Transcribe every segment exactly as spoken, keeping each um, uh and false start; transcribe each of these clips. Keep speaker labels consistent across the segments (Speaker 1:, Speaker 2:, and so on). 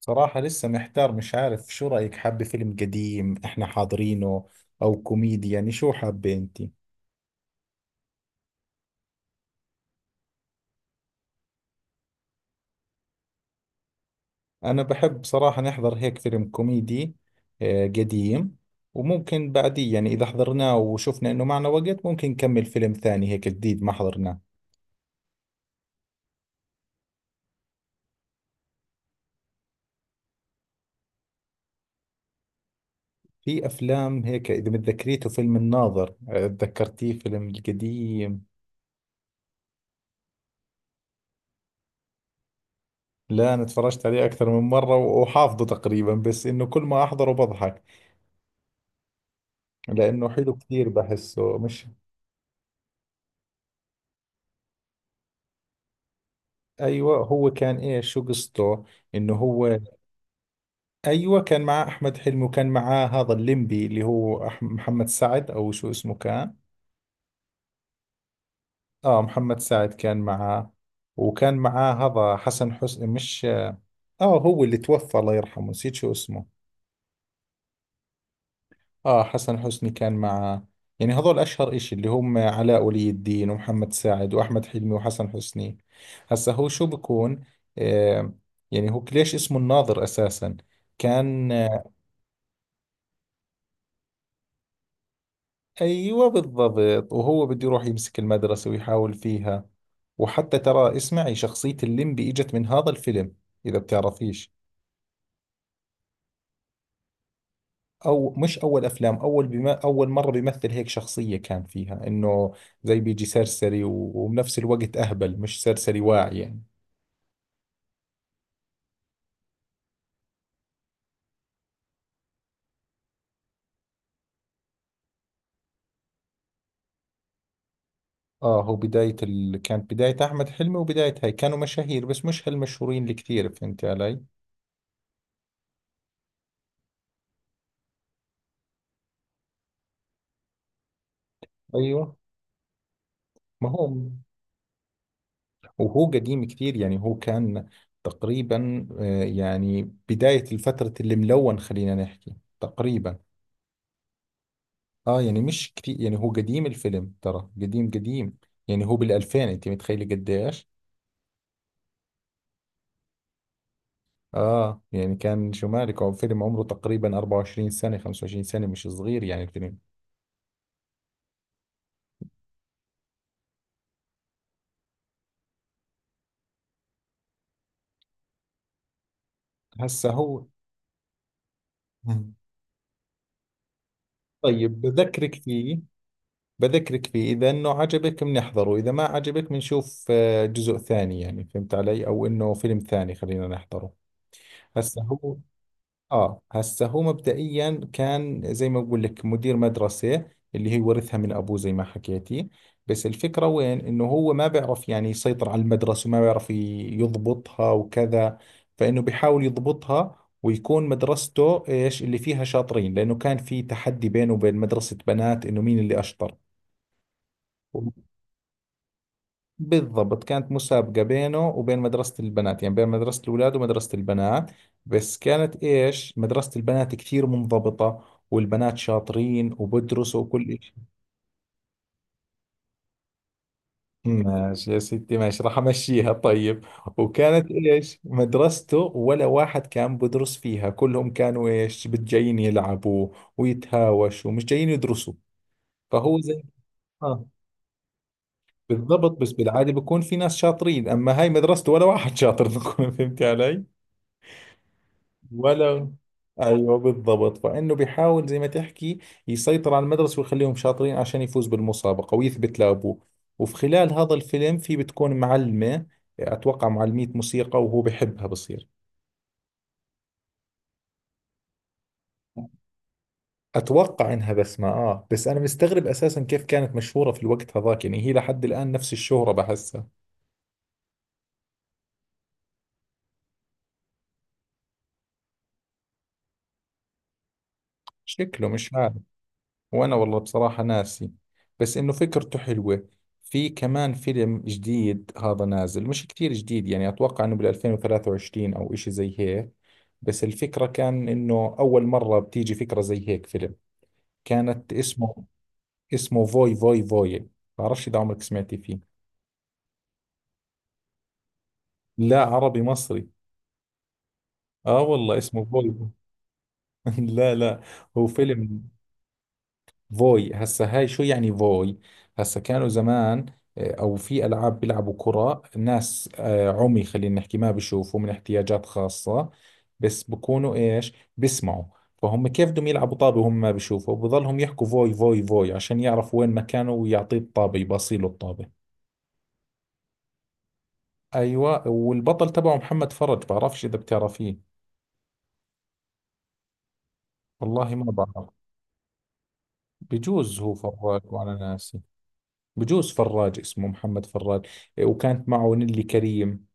Speaker 1: صراحة لسه محتار، مش عارف شو رأيك. حابة فيلم قديم احنا حاضرينه او كوميدي؟ يعني شو حابة انتي؟ انا بحب صراحة نحضر هيك فيلم كوميدي، آه، قديم. وممكن بعديه يعني اذا حضرناه وشفنا انه معنا وقت ممكن نكمل فيلم ثاني، هيك جديد ما حضرناه. في افلام هيك، اذا متذكريته، فيلم الناظر. آه، تذكرتيه فيلم القديم؟ لا انا تفرجت عليه اكثر من مرة وحافظه تقريبا، بس انه كل ما احضره بضحك لانه حلو كثير بحسه مش... ايوه هو كان ايش، شو قصته؟ انه هو... ايوه كان معاه احمد حلمي، وكان معاه هذا الليمبي اللي هو أح- محمد سعد او شو اسمه كان. اه، محمد سعد كان معاه. وكان معاه هذا حسن حسني، مش... اه هو اللي توفى الله يرحمه، نسيت شو اسمه. اه، حسن حسني كان معاه. يعني هذول اشهر اشي، اللي هم علاء ولي الدين ومحمد سعد واحمد حلمي وحسن حسني. هسا هو شو بكون؟ آه. يعني هو ليش اسمه الناظر اساسا؟ كان... ايوه بالضبط، وهو بده يروح يمسك المدرسة ويحاول فيها. وحتى ترى اسمعي، شخصية الليمبي اجت من هذا الفيلم، اذا بتعرفيش. او مش اول افلام، اول بما اول مرة بيمثل هيك شخصية، كان فيها انه زي بيجي سرسري، و- وبنفس الوقت اهبل مش سرسري واعي يعني. اه هو بداية ال... كانت بداية احمد حلمي، وبداية هاي كانوا مشاهير بس مش هالمشهورين اللي كثير. فهمتي علي؟ ايوه. ما هو... وهو قديم كثير، يعني هو كان تقريبا، آه، يعني بداية الفترة اللي ملون خلينا نحكي تقريبا. اه يعني مش كثير، يعني هو قديم الفيلم ترى، قديم قديم. يعني هو بالألفين، انت متخيلة قديش؟ اه يعني كان شو مالك، هو فيلم عمره تقريبا 24 سنة 25 سنة، مش صغير يعني الفيلم. هسا هو... مم. طيب بذكرك فيه. بذكرك فيه، إذا إنه عجبك بنحضره، إذا ما عجبك بنشوف آه، جزء ثاني، يعني فهمت علي؟ أو إنه فيلم ثاني خلينا نحضره. هسه هو... اه هسه هو مبدئيا كان زي ما بقول لك مدير مدرسة، اللي هي ورثها من ابوه زي ما حكيتي. بس الفكرة وين؟ انه هو ما بيعرف يعني يسيطر على المدرسة، وما بيعرف ي- يضبطها وكذا. فانه بيحاول يضبطها ويكون مدرسته ايش؟ اللي فيها شاطرين، لانه كان في تحدي بينه وبين مدرسة بنات انه مين اللي اشطر. بالضبط، كانت مسابقة بينه وبين مدرسة البنات، يعني بين مدرسة الأولاد ومدرسة البنات. بس كانت إيش؟ مدرسة البنات كثير منضبطة، والبنات شاطرين وبدرسوا وكل شيء. ماشي يا ستي ماشي، راح أمشيها طيب. وكانت إيش مدرسته؟ ولا واحد كان بدرس فيها، كلهم كانوا إيش؟ بتجايين يلعبوا ويتهاوشوا، مش جايين يدرسوا. فهو زي... آه بالضبط، بس بالعادة بكون في ناس شاطرين، أما هاي مدرسته ولا واحد شاطر فهمت علي؟ ولا... ايوه بالضبط، فانه بيحاول زي ما تحكي يسيطر على المدرسه ويخليهم شاطرين عشان يفوز بالمسابقه ويثبت لابوه. وفي خلال هذا الفيلم في بتكون معلمه، اتوقع معلمية موسيقى، وهو بحبها بصير. اتوقع انها بسمة، اه. بس انا مستغرب اساسا كيف كانت مشهوره في الوقت هذاك، يعني هي لحد الان نفس الشهره بحسها. شكله مش عارف. وانا والله بصراحة ناسي، بس انه فكرته حلوة. في كمان فيلم جديد هذا نازل، مش كتير جديد يعني، اتوقع انه بال ألفين وثلاثة وعشرين او اشي زي هيك. بس الفكرة كان انه اول مرة بتيجي فكرة زي هيك فيلم. كانت اسمه... اسمه فوي فوي فوي. بعرفش اذا عمرك سمعتي فيه. لا، عربي مصري. اه والله اسمه فوي. لا لا. هو فيلم فوي. هسا هاي شو يعني فوي؟ هسا كانوا زمان، آه، او في العاب بيلعبوا كرة، ناس آه، عمي خلينا نحكي، ما بيشوفوا، من احتياجات خاصة، بس بكونوا ايش؟ بيسمعوا. فهم كيف بدهم يلعبوا طابة وهم ما بيشوفوا؟ بضلهم يحكوا فوي فوي فوي عشان يعرفوا وين مكانه ويعطيه الطابة، يباصيله الطابة. ايوه، والبطل تبعه محمد فرج، بعرفش اذا بتعرفيه. والله ما بعرف. بجوز هو فراج وانا ناسي. بجوز فراج، اسمه محمد فراج. وكانت معه نيلي كريم،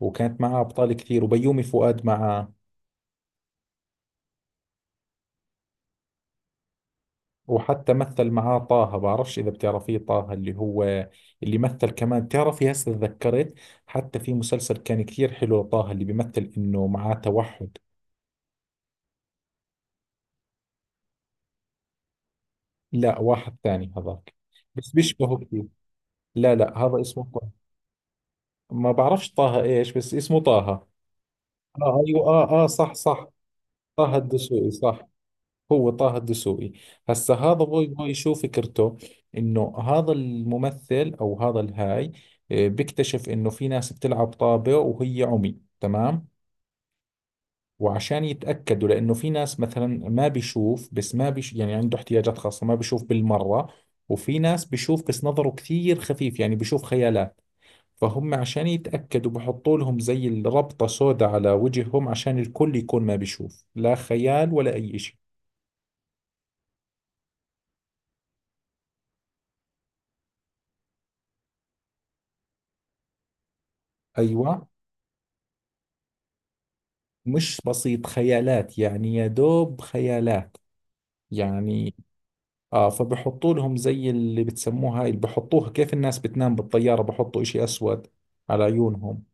Speaker 1: وكانت معاه أبطال كثير وبيومي فؤاد معاه. وحتى مثل معاه طه، بعرفش إذا بتعرفيه طه اللي هو... اللي مثل كمان، بتعرفي هسه تذكرت، حتى في مسلسل كان كثير حلو، طه اللي بيمثل إنه معاه توحد. لا واحد ثاني هذاك، بس بيشبهه كثير. لا لا، هذا اسمه طه. ما بعرفش طه إيش، بس اسمه طه. آه أيوه، آه آه صح صح، طه الدسوقي صح. هو طه الدسوقي. هسا هذا باي باي شو فكرته؟ انه هذا الممثل او هذا الهاي آه، بيكتشف انه في ناس بتلعب طابة وهي عمي تمام. وعشان يتأكدوا، لانه في ناس مثلا ما بيشوف بس ما بيش، يعني عنده احتياجات خاصة ما بيشوف بالمرة، وفي ناس بيشوف بس نظره كثير خفيف، يعني بيشوف خيالات. فهم عشان يتأكدوا بحطوا لهم زي الربطة سوداء على وجههم عشان الكل يكون ما بيشوف لا خيال ولا أي شيء. أيوة. مش بسيط خيالات، يعني يا دوب خيالات يعني. اه فبحطوا لهم زي اللي بتسموها، هاي اللي بحطوها كيف الناس بتنام بالطيارة، بحطوا اشي اسود على عيونهم.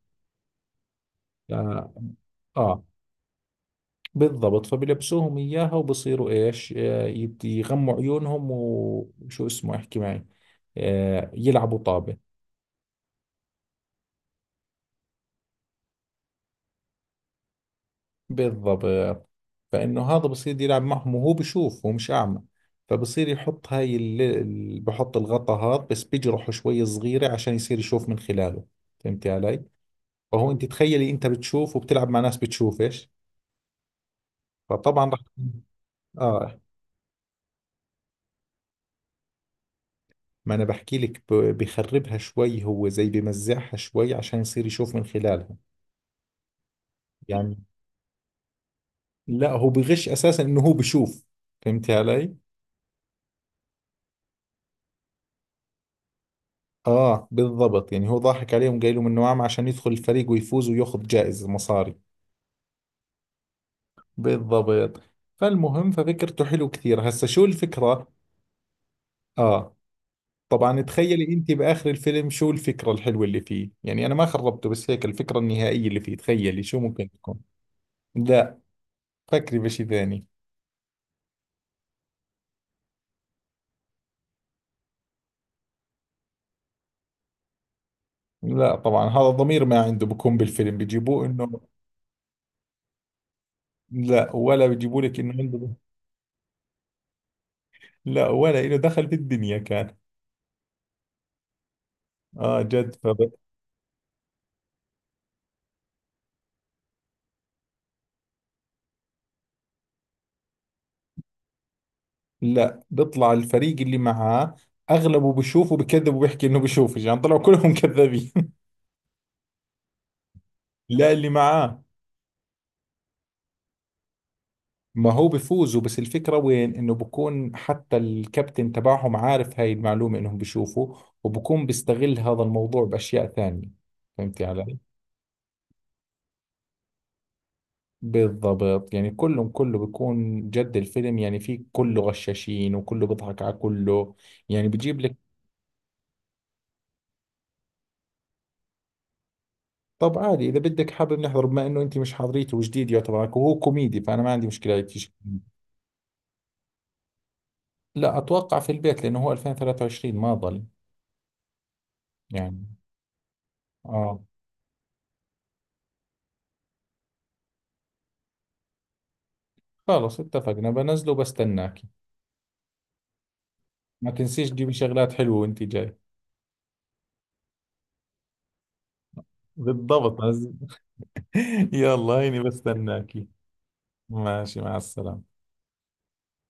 Speaker 1: آه, اه. بالضبط، فبلبسوهم اياها وبصيروا ايش؟ آه يت- يغموا عيونهم وشو اسمه، احكي معي، آه يلعبوا طابة. بالضبط، فإنه هذا بصير يلعب معهم وهو بشوف، هو مش أعمى. فبصير يحط هاي ال... ال- بحط الغطا هذا، بس بجرحه شوي صغيرة عشان يصير يشوف من خلاله. فهمتي علي؟ فهو، أنت تخيلي أنت بتشوف وبتلعب مع ناس بتشوفش، فطبعا رح... آه. ما أنا بحكي لك، ب... بخربها شوي، هو زي بمزعها شوي عشان يصير يشوف من خلالها يعني. لا هو بغش أساسا إنه هو بشوف. فهمتي علي؟ اه بالضبط، يعني هو ضاحك عليهم قايل لهم انه عام عشان يدخل الفريق ويفوز وياخذ جائزة مصاري. بالضبط. فالمهم، ففكرته حلو كثير. هسا شو الفكرة؟ اه طبعا تخيلي انت باخر الفيلم شو الفكرة الحلوة اللي فيه، يعني انا ما خربته بس هيك، الفكرة النهائية اللي فيه تخيلي شو ممكن تكون. لا، فكري بشي ثاني. لا طبعا، هذا الضمير ما عنده، بكون بالفيلم بيجيبوه انه... لا ولا بيجيبوا لك انه عنده. لا ولا انه دخل في الدنيا كان... اه جد. لا بيطلع الفريق اللي معاه اغلبه بيشوفه، بكذب وبيحكي انه بيشوف، يعني طلعوا كلهم كذابين. لا، اللي معاه. ما هو بفوزوا، بس الفكرة وين؟ انه بكون حتى الكابتن تبعهم عارف هاي المعلومة، انهم بيشوفوا، وبكون بيستغل هذا الموضوع باشياء ثانية. فهمتي علي؟ بالضبط، يعني كلهم، كله بيكون جد الفيلم، يعني في كله غشاشين وكله بيضحك على كله. يعني بجيب لك... طب عادي، اذا بدك حابب نحضر، بما انه انت مش حاضريته وجديد يعتبر عليك، وهو كوميدي، فانا ما عندي مشكله هيك شيء. لا اتوقع في البيت، لانه هو ألفين وثلاثة وعشرين، ما ضل يعني. اه خلص، اتفقنا، بنزله وبستناكي. ما تنسيش تجيبي شغلات حلوه وانت جاي. بالضبط عزيز. يلا هيني بستناكي. ماشي، مع السلامه.